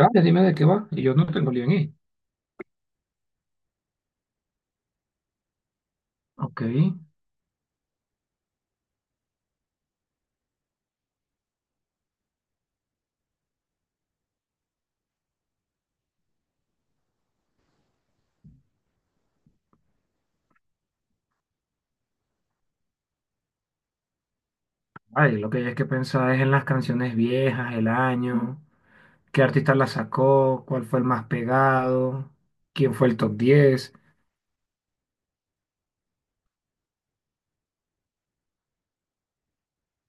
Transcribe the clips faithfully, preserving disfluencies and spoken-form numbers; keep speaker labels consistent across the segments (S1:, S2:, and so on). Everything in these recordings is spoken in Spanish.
S1: Dale, dime de qué va. Y yo no tengo lío en ir. Ok. Ay, lo que hay es que pensar es en las canciones viejas, el año, qué artista la sacó, cuál fue el más pegado, quién fue el top diez.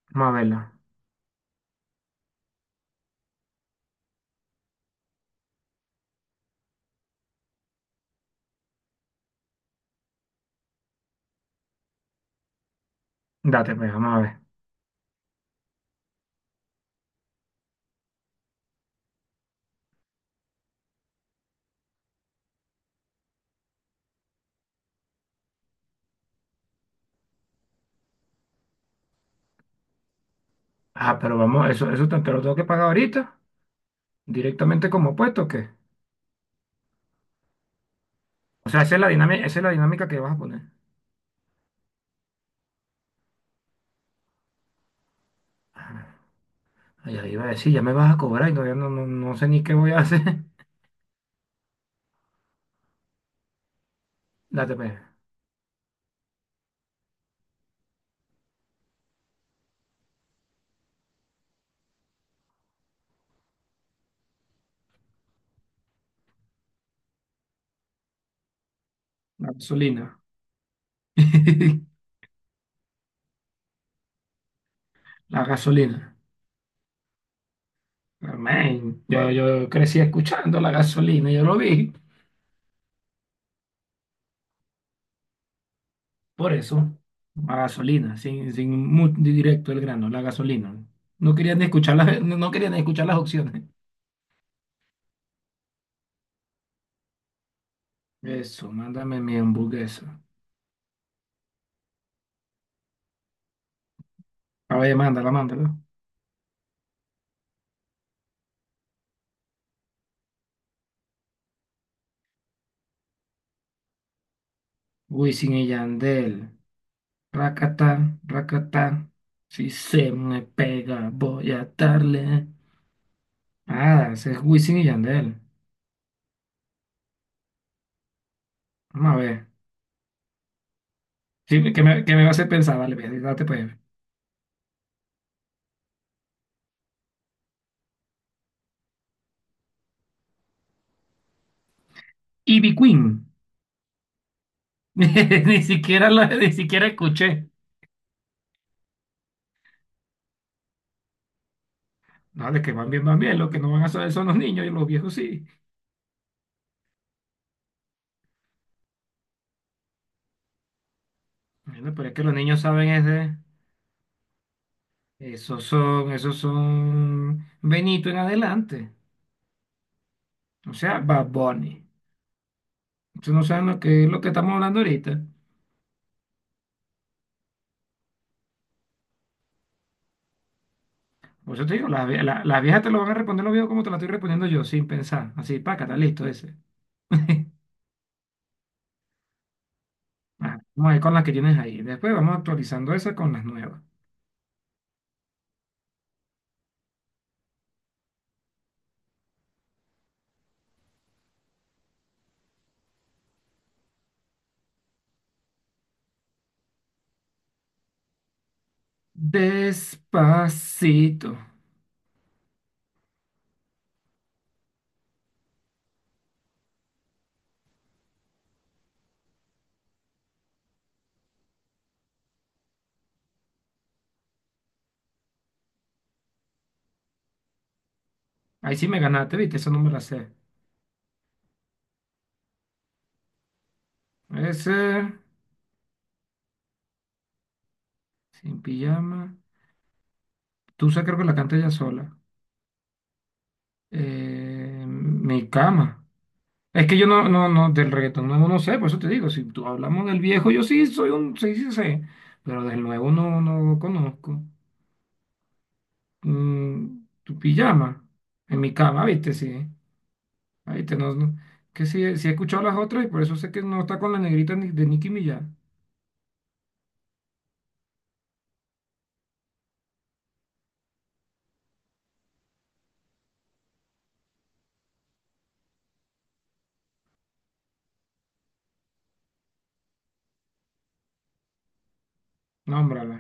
S1: Vamos a verla. Date, pues, vamos a ver. Ah, pero vamos, eso, eso te, te lo tengo que pagar ahorita, directamente como puesto, ¿o qué? O sea, esa es la dinámica, esa es la dinámica que vas a poner. Ay, ahí iba a decir, ya me vas a cobrar y todavía no, no, no sé ni qué voy a hacer. Date, pues. La gasolina. La gasolina. Amén. Yo, yo crecí escuchando la gasolina, yo lo vi, por eso, la gasolina, sin, sin mu- directo el grano, la gasolina. No querían ni escuchar las, no querían ni escuchar las opciones. Eso, mándame mi hamburguesa. A ver, mándala, mándala. Wisin y Yandel, racatán, racatán. Si se me pega, voy a darle. Nada, ese es Wisin y Yandel. Vamos a ver. Sí, que me, que me va a hacer pensar, dale, ve, date pues. Ivy Queen. Ni siquiera lo, ni siquiera escuché. No, de que van bien, van bien. Lo que no van a saber son los niños y los viejos sí. Bueno, pero es que los niños saben es de- Esos son, esos son Benito en adelante. O sea, Bad Bunny. Ustedes no saben lo que es lo que estamos hablando ahorita. Por eso te digo, las, vie- la- las viejas te lo van a responder los viejos como te la estoy respondiendo yo, sin pensar. Así, paca, está listo ese. Ajá, vamos a ir con las que tienes ahí. Después vamos actualizando esa con las nuevas. Despacito. Ahí sí me ganaste, ¿viste? Eso no me la sé. Puede ser. Sin pijama. Tusa creo que la canta ella sola. Eh, mi cama. Es que yo no, no, no, del reggaetón nuevo no sé, por eso te digo, si tú hablamos del viejo, yo sí soy un, sí, sí sé, pero del nuevo no, no conozco. Mm, tu pijama, en mi cama, viste, sí, ah, viste, no, no, que sí, sí he escuchado las otras y por eso sé que no está con la negrita ni- de Nicki Minaj, nómbrala.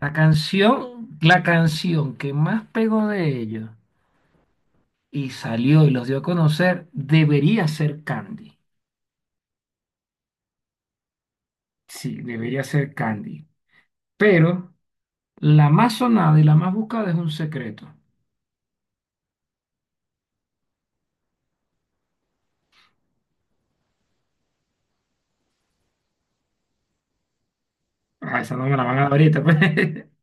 S1: La canción, la canción que más pegó de ellos y salió y los dio a conocer, debería ser Candy. Sí, debería ser Candy. Pero la más sonada y la más buscada es un secreto. Ah, esa no me la van a dar ahorita, pues.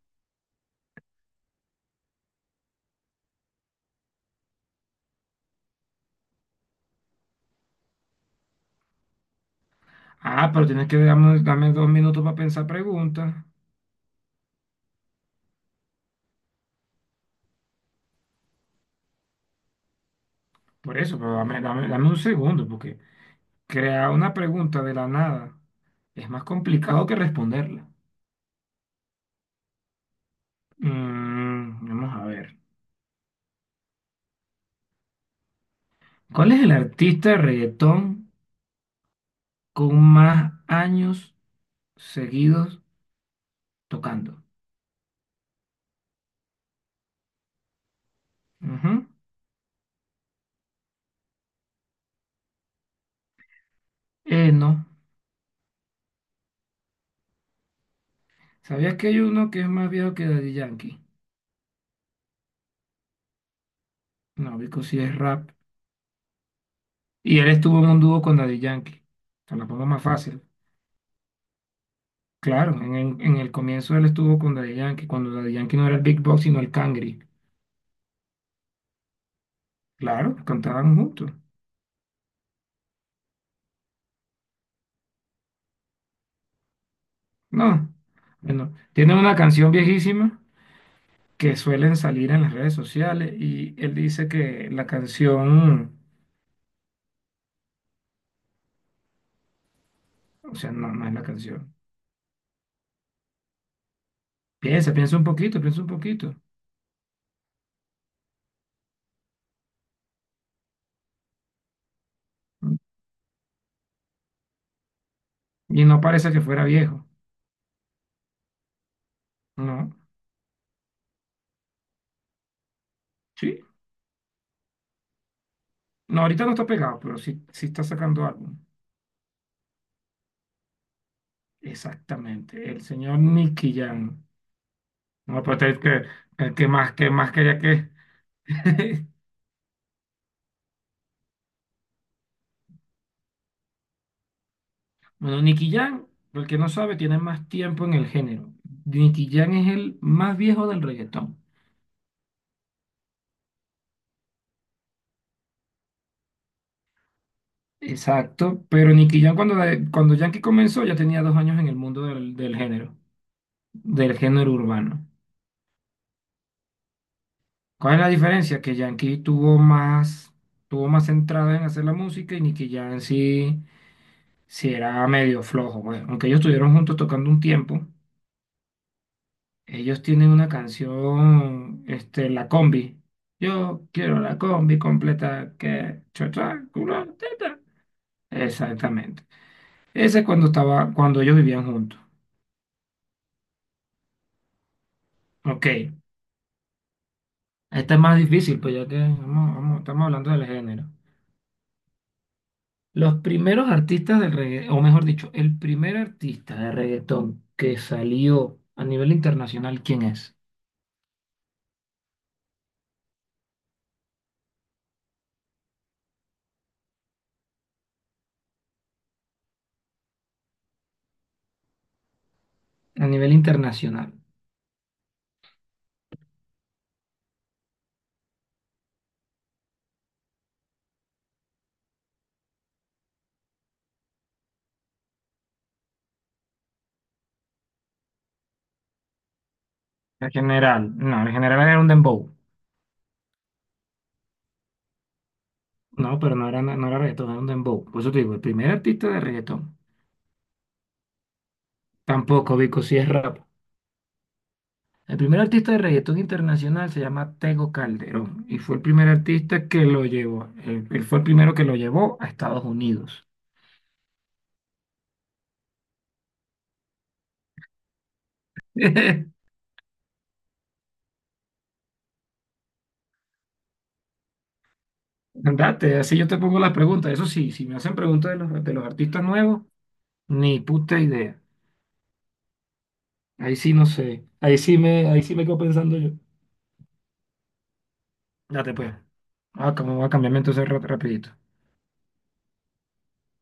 S1: Ah, pero tienes que darme, dame dos minutos para pensar preguntas. Por eso, pero dame, dame- dame un segundo, porque crear una pregunta de la nada es más complicado que responderla. Mm, vamos a ver. ¿Cuál es el artista de reggaetón con más años seguidos tocando? Ujú. Eh, no. ¿Sabías que hay uno que es más viejo que Daddy Yankee? No, Vico sí es rap. Y él estuvo en un dúo con Daddy Yankee. Te la pongo más fácil. Claro, en el, en el comienzo él estuvo con Daddy Yankee, cuando Daddy Yankee no era el Big Boss, sino el Cangri. Claro, cantaban juntos. No. Bueno, tiene una canción viejísima que suelen salir en las redes sociales y él dice que la canción, o sea, no, no es la canción. Piensa, piensa un poquito, piensa un poquito. Y no parece que fuera viejo. No. Sí, no, ahorita no está pegado, pero sí, sí está sacando álbum. Exactamente, el señor Nicky Jam. No me puede creer que, el que más, que más quería que. Bueno, Nicky Jam, el que no sabe, tiene más tiempo en el género. Nicky Jam es el más viejo del reggaetón. Exacto, pero Nicky Jam cuando, cuando Yankee comenzó ya tenía dos años en el mundo del, del género, del género urbano. ¿Cuál es la diferencia? Que Yankee tuvo más, tuvo más centrada en hacer la música y Nicky Jam sí. Sí, era medio flojo, güey. Aunque ellos estuvieron juntos tocando un tiempo, ellos tienen una canción, este, La Combi. Yo quiero la combi completa que cha, cha, culo, teta. Exactamente. Ese es cuando estaba, cuando ellos vivían juntos. Ok. Esta es más difícil, pues ya que vamos- vamos- estamos hablando del género. Los primeros artistas del reggaetón, o mejor dicho, el primer artista de reggaetón que salió a nivel internacional, ¿quién es? A nivel internacional. En general, no, en general era un dembow. No, pero no era, no era reggaetón, era un dembow. Por eso te digo, el primer artista de reggaetón. Tampoco, Vico, si es rap. El primer artista de reggaetón internacional se llama Tego Calderón y fue el primer artista que lo llevó. Él, él fue el primero que lo llevó a Estados Unidos. Andate, así yo te pongo las preguntas. Eso sí, si me hacen preguntas de los, de los artistas nuevos, ni puta idea. Ahí sí no sé. Ahí sí me, ahí sí me quedo pensando yo. Date pues. Ah, como voy a cambiarme entonces ra- rapidito.